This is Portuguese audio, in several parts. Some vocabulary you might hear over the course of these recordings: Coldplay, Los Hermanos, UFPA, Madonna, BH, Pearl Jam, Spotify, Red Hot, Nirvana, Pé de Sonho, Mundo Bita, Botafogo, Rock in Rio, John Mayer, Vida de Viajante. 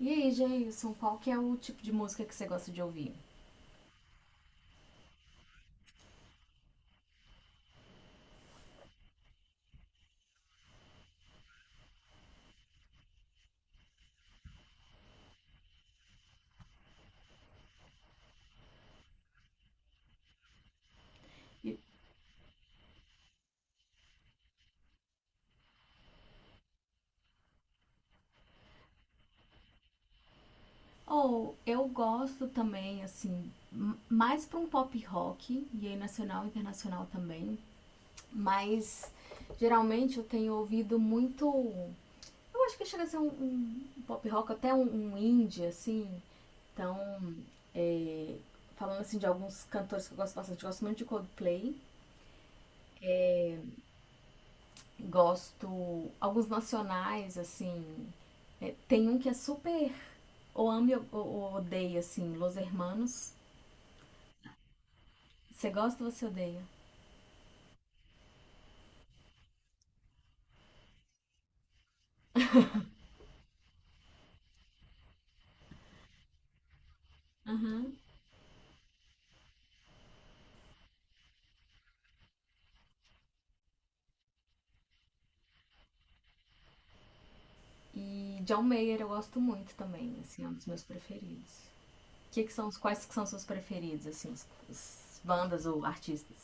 E aí, Jailson, qual que é o tipo de música que você gosta de ouvir? E- Ou eu gosto também, assim, mais para um pop rock, e aí nacional e internacional também, mas geralmente eu tenho ouvido muito. Eu acho que chega a ser um pop rock, até um indie, assim. Então, é, falando assim de alguns cantores que eu gosto bastante, eu gosto muito de Coldplay, gosto alguns nacionais, assim. Tem um que é super ou ame ou odeia, assim, Los Hermanos. Você gosta ou você odeia? Uhum. E John Mayer eu gosto muito também, assim, é um dos meus preferidos. Quais que são seus preferidos, assim, os bandas ou artistas?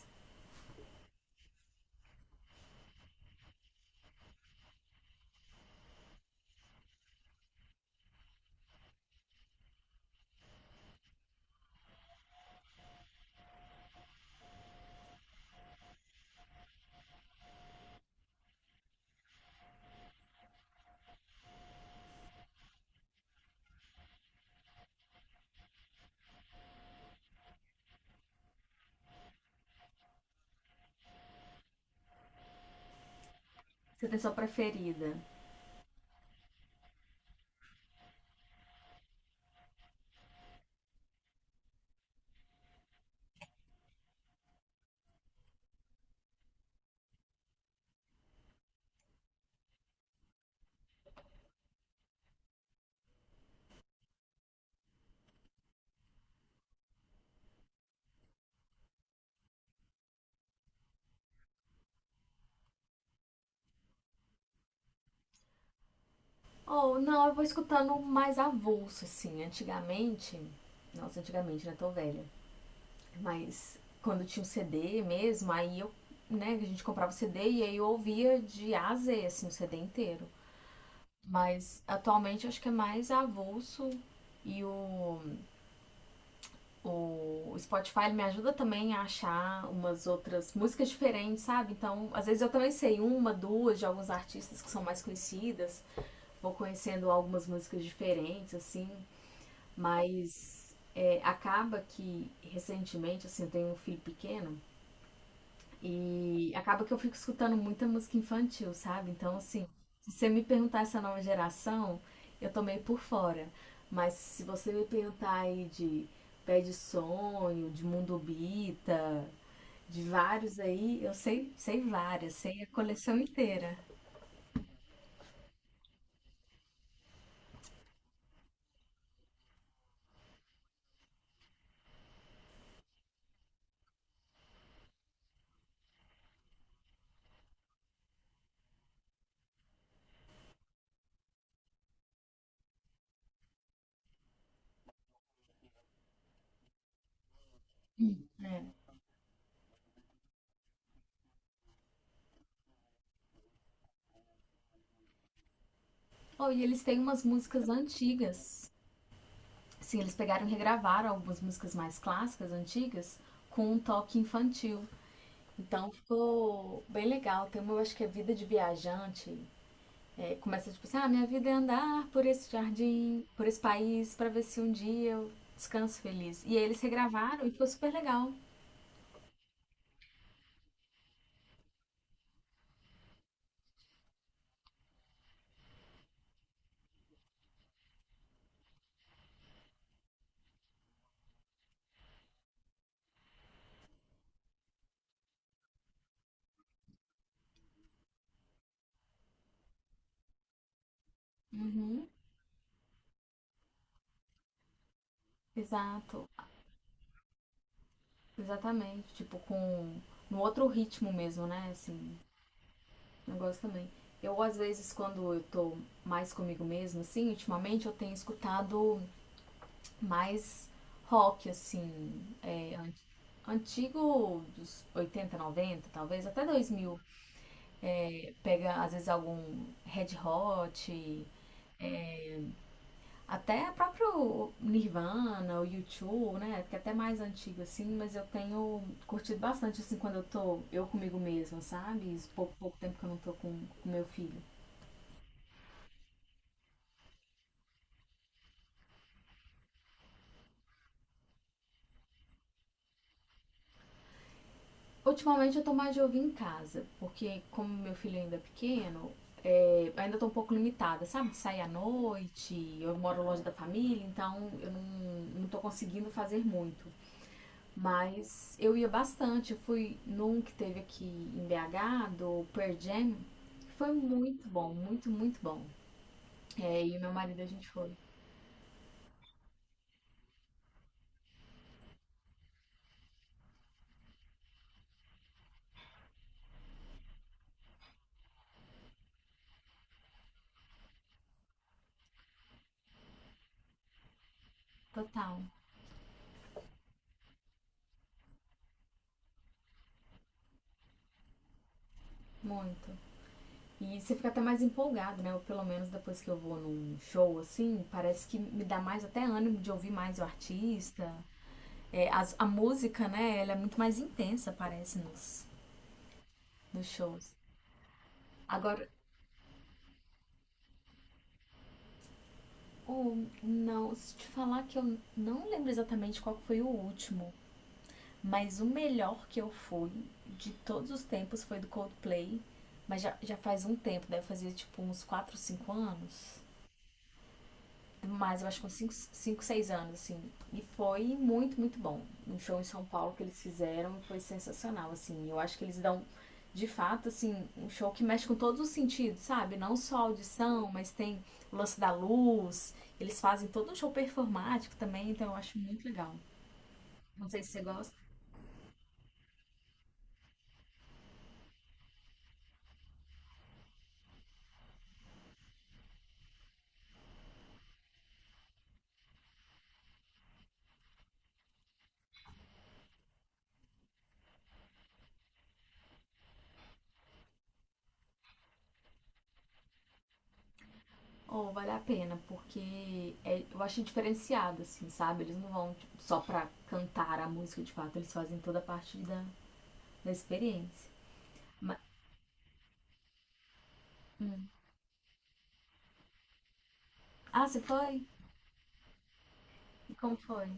Você tem sua preferida? Ou não, eu vou escutando mais avulso, assim. Antigamente, nossa, antigamente, né? Tô velha. Mas quando tinha um CD mesmo, aí né, a gente comprava o CD e aí eu ouvia de A a Z, assim, o CD inteiro. Mas atualmente acho que é mais avulso e o Spotify me ajuda também a achar umas outras músicas diferentes, sabe? Então, às vezes eu também sei uma, duas de alguns artistas que são mais conhecidas, vou conhecendo algumas músicas diferentes, assim, mas acaba que recentemente, assim, eu tenho um filho pequeno. E acaba que eu fico escutando muita música infantil, sabe? Então, assim, se você me perguntar essa nova geração, eu tô meio por fora. Mas se você me perguntar aí de Pé de Sonho, de Mundo Bita, de vários aí, eu sei, sei várias, sei a coleção inteira. É. Oh, e eles têm umas músicas antigas. Sim, eles pegaram e regravaram algumas músicas mais clássicas, antigas, com um toque infantil. Então ficou bem legal. Tem uma, eu acho que é Vida de Viajante. É, começa tipo assim: ah, minha vida é andar por esse jardim, por esse país, pra ver se um dia eu descanso feliz. E aí eles regravaram e ficou super legal. Uhum, exato, exatamente. Tipo, com no outro ritmo mesmo, né? Assim, eu gosto também. Eu, às vezes, quando eu tô mais comigo mesma, assim, ultimamente eu tenho escutado mais rock, assim, é, antigo dos 80 90 talvez, até 2000. Pega, às vezes, algum Red Hot, até próprio Nirvana, o u YouTube, né? Que é até mais antigo, assim, mas eu tenho curtido bastante, assim, quando eu tô eu comigo mesma, sabe? Esse pouco, pouco tempo que eu não tô com o meu filho. Ultimamente eu tô mais de ouvir em casa, porque como meu filho ainda é pequeno, ainda tô um pouco limitada, sabe, de sair à noite, eu moro longe da família, então eu não, não tô conseguindo fazer muito. Mas eu ia bastante, eu fui num que teve aqui em BH, do Pearl Jam, foi muito bom, muito, muito bom. E o meu marido a gente foi, total, muito. E você fica até mais empolgado, né? Ou pelo menos depois que eu vou num show, assim, parece que me dá mais até ânimo de ouvir mais o artista. A música, né? Ela é muito mais intensa, parece, nos shows. Agora, o não, se te falar que eu não lembro exatamente qual que foi o último, mas o melhor que eu fui de todos os tempos foi do Coldplay. Mas já faz um tempo, deve fazer tipo uns 4, 5 anos. Mas eu acho que uns 5, 6 anos, assim. E foi muito, muito bom. Um show em São Paulo que eles fizeram foi sensacional, assim. Eu acho que eles dão, de fato, assim, um show que mexe com todos os sentidos, sabe? Não só a audição, mas tem o lance da luz. Eles fazem todo um show performático também, então eu acho muito legal. Não sei se você gosta. Ou vale a pena, porque eu acho diferenciado, assim, sabe? Eles não vão tipo, só pra cantar a música de fato, eles fazem toda a parte da experiência. Ma- hum. Ah, você foi? E como foi?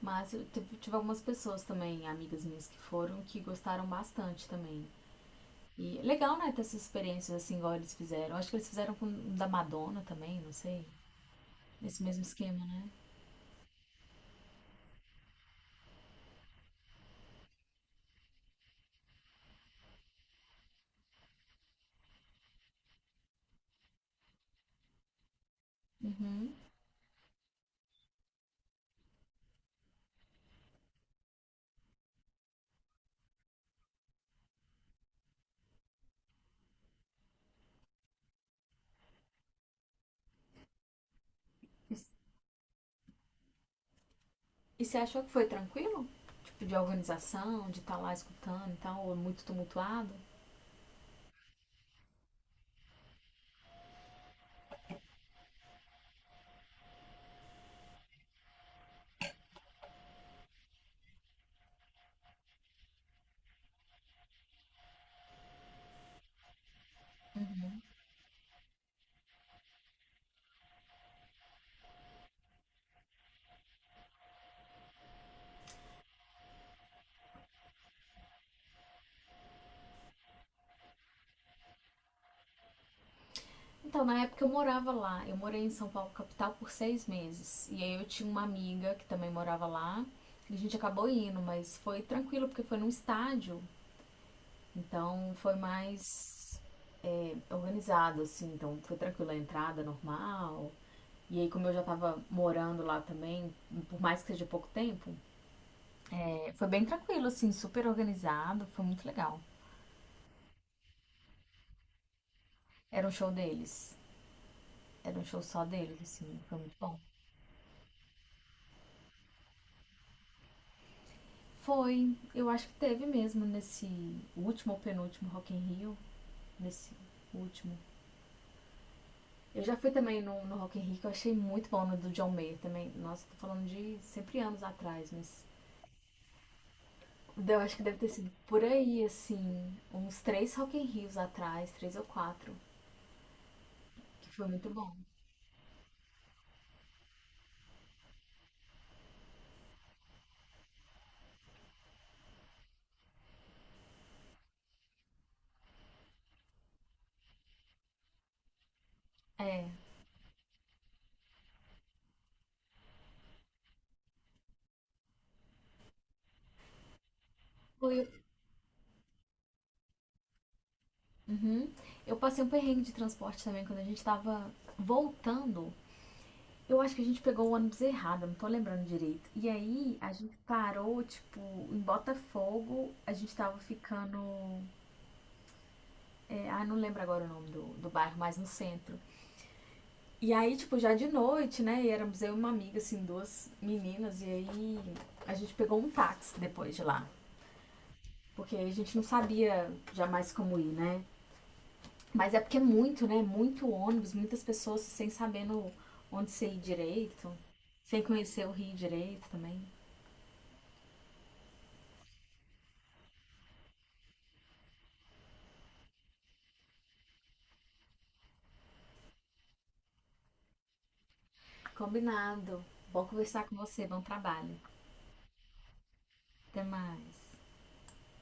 Mas eu tive algumas pessoas também, amigas minhas que foram, que gostaram bastante também. E é legal, né, ter essas experiências assim, igual eles fizeram. Acho que eles fizeram com o da Madonna também, não sei. Nesse mesmo esquema, né? Uhum. E, e você achou que foi tranquilo? Tipo, de organização, de estar lá escutando e tal, ou é muito tumultuado? Então, na época eu morava lá. Eu morei em São Paulo, capital, por 6 meses. E aí eu tinha uma amiga que também morava lá. E a gente acabou indo, mas foi tranquilo, porque foi num estádio. Então foi mais organizado, assim. Então foi tranquilo a entrada, normal. E aí, como eu já tava morando lá também, por mais que seja pouco tempo, foi bem tranquilo, assim, super organizado. Foi muito legal. Era um show deles. Era um show só deles, assim. Foi muito bom. Foi, eu acho que teve mesmo nesse último ou penúltimo Rock in Rio, nesse último. Eu já fui também no Rock in Rio, que eu achei muito bom, no do John Mayer também. Nossa, tô falando de sempre anos atrás, mas eu acho que deve ter sido por aí, assim, uns três Rock in Rios atrás, três ou quatro, que foi muito bom. É, foi... Uhum. Eu passei um perrengue de transporte também, quando a gente tava voltando. Eu acho que a gente pegou o ônibus errado, não tô lembrando direito. E aí a gente parou, tipo, em Botafogo, a gente tava ficando. Ah, não lembro agora o nome do bairro, mas no centro. E aí, tipo, já de noite, né? E éramos eu e uma amiga, assim, duas meninas, e aí a gente pegou um táxi depois de lá. Porque a gente não sabia jamais como ir, né? Mas é porque é muito, né? Muito ônibus, muitas pessoas sem sabendo onde você ir direito, sem conhecer o Rio direito também. Combinado. Bom conversar com você. Bom trabalho. Até mais.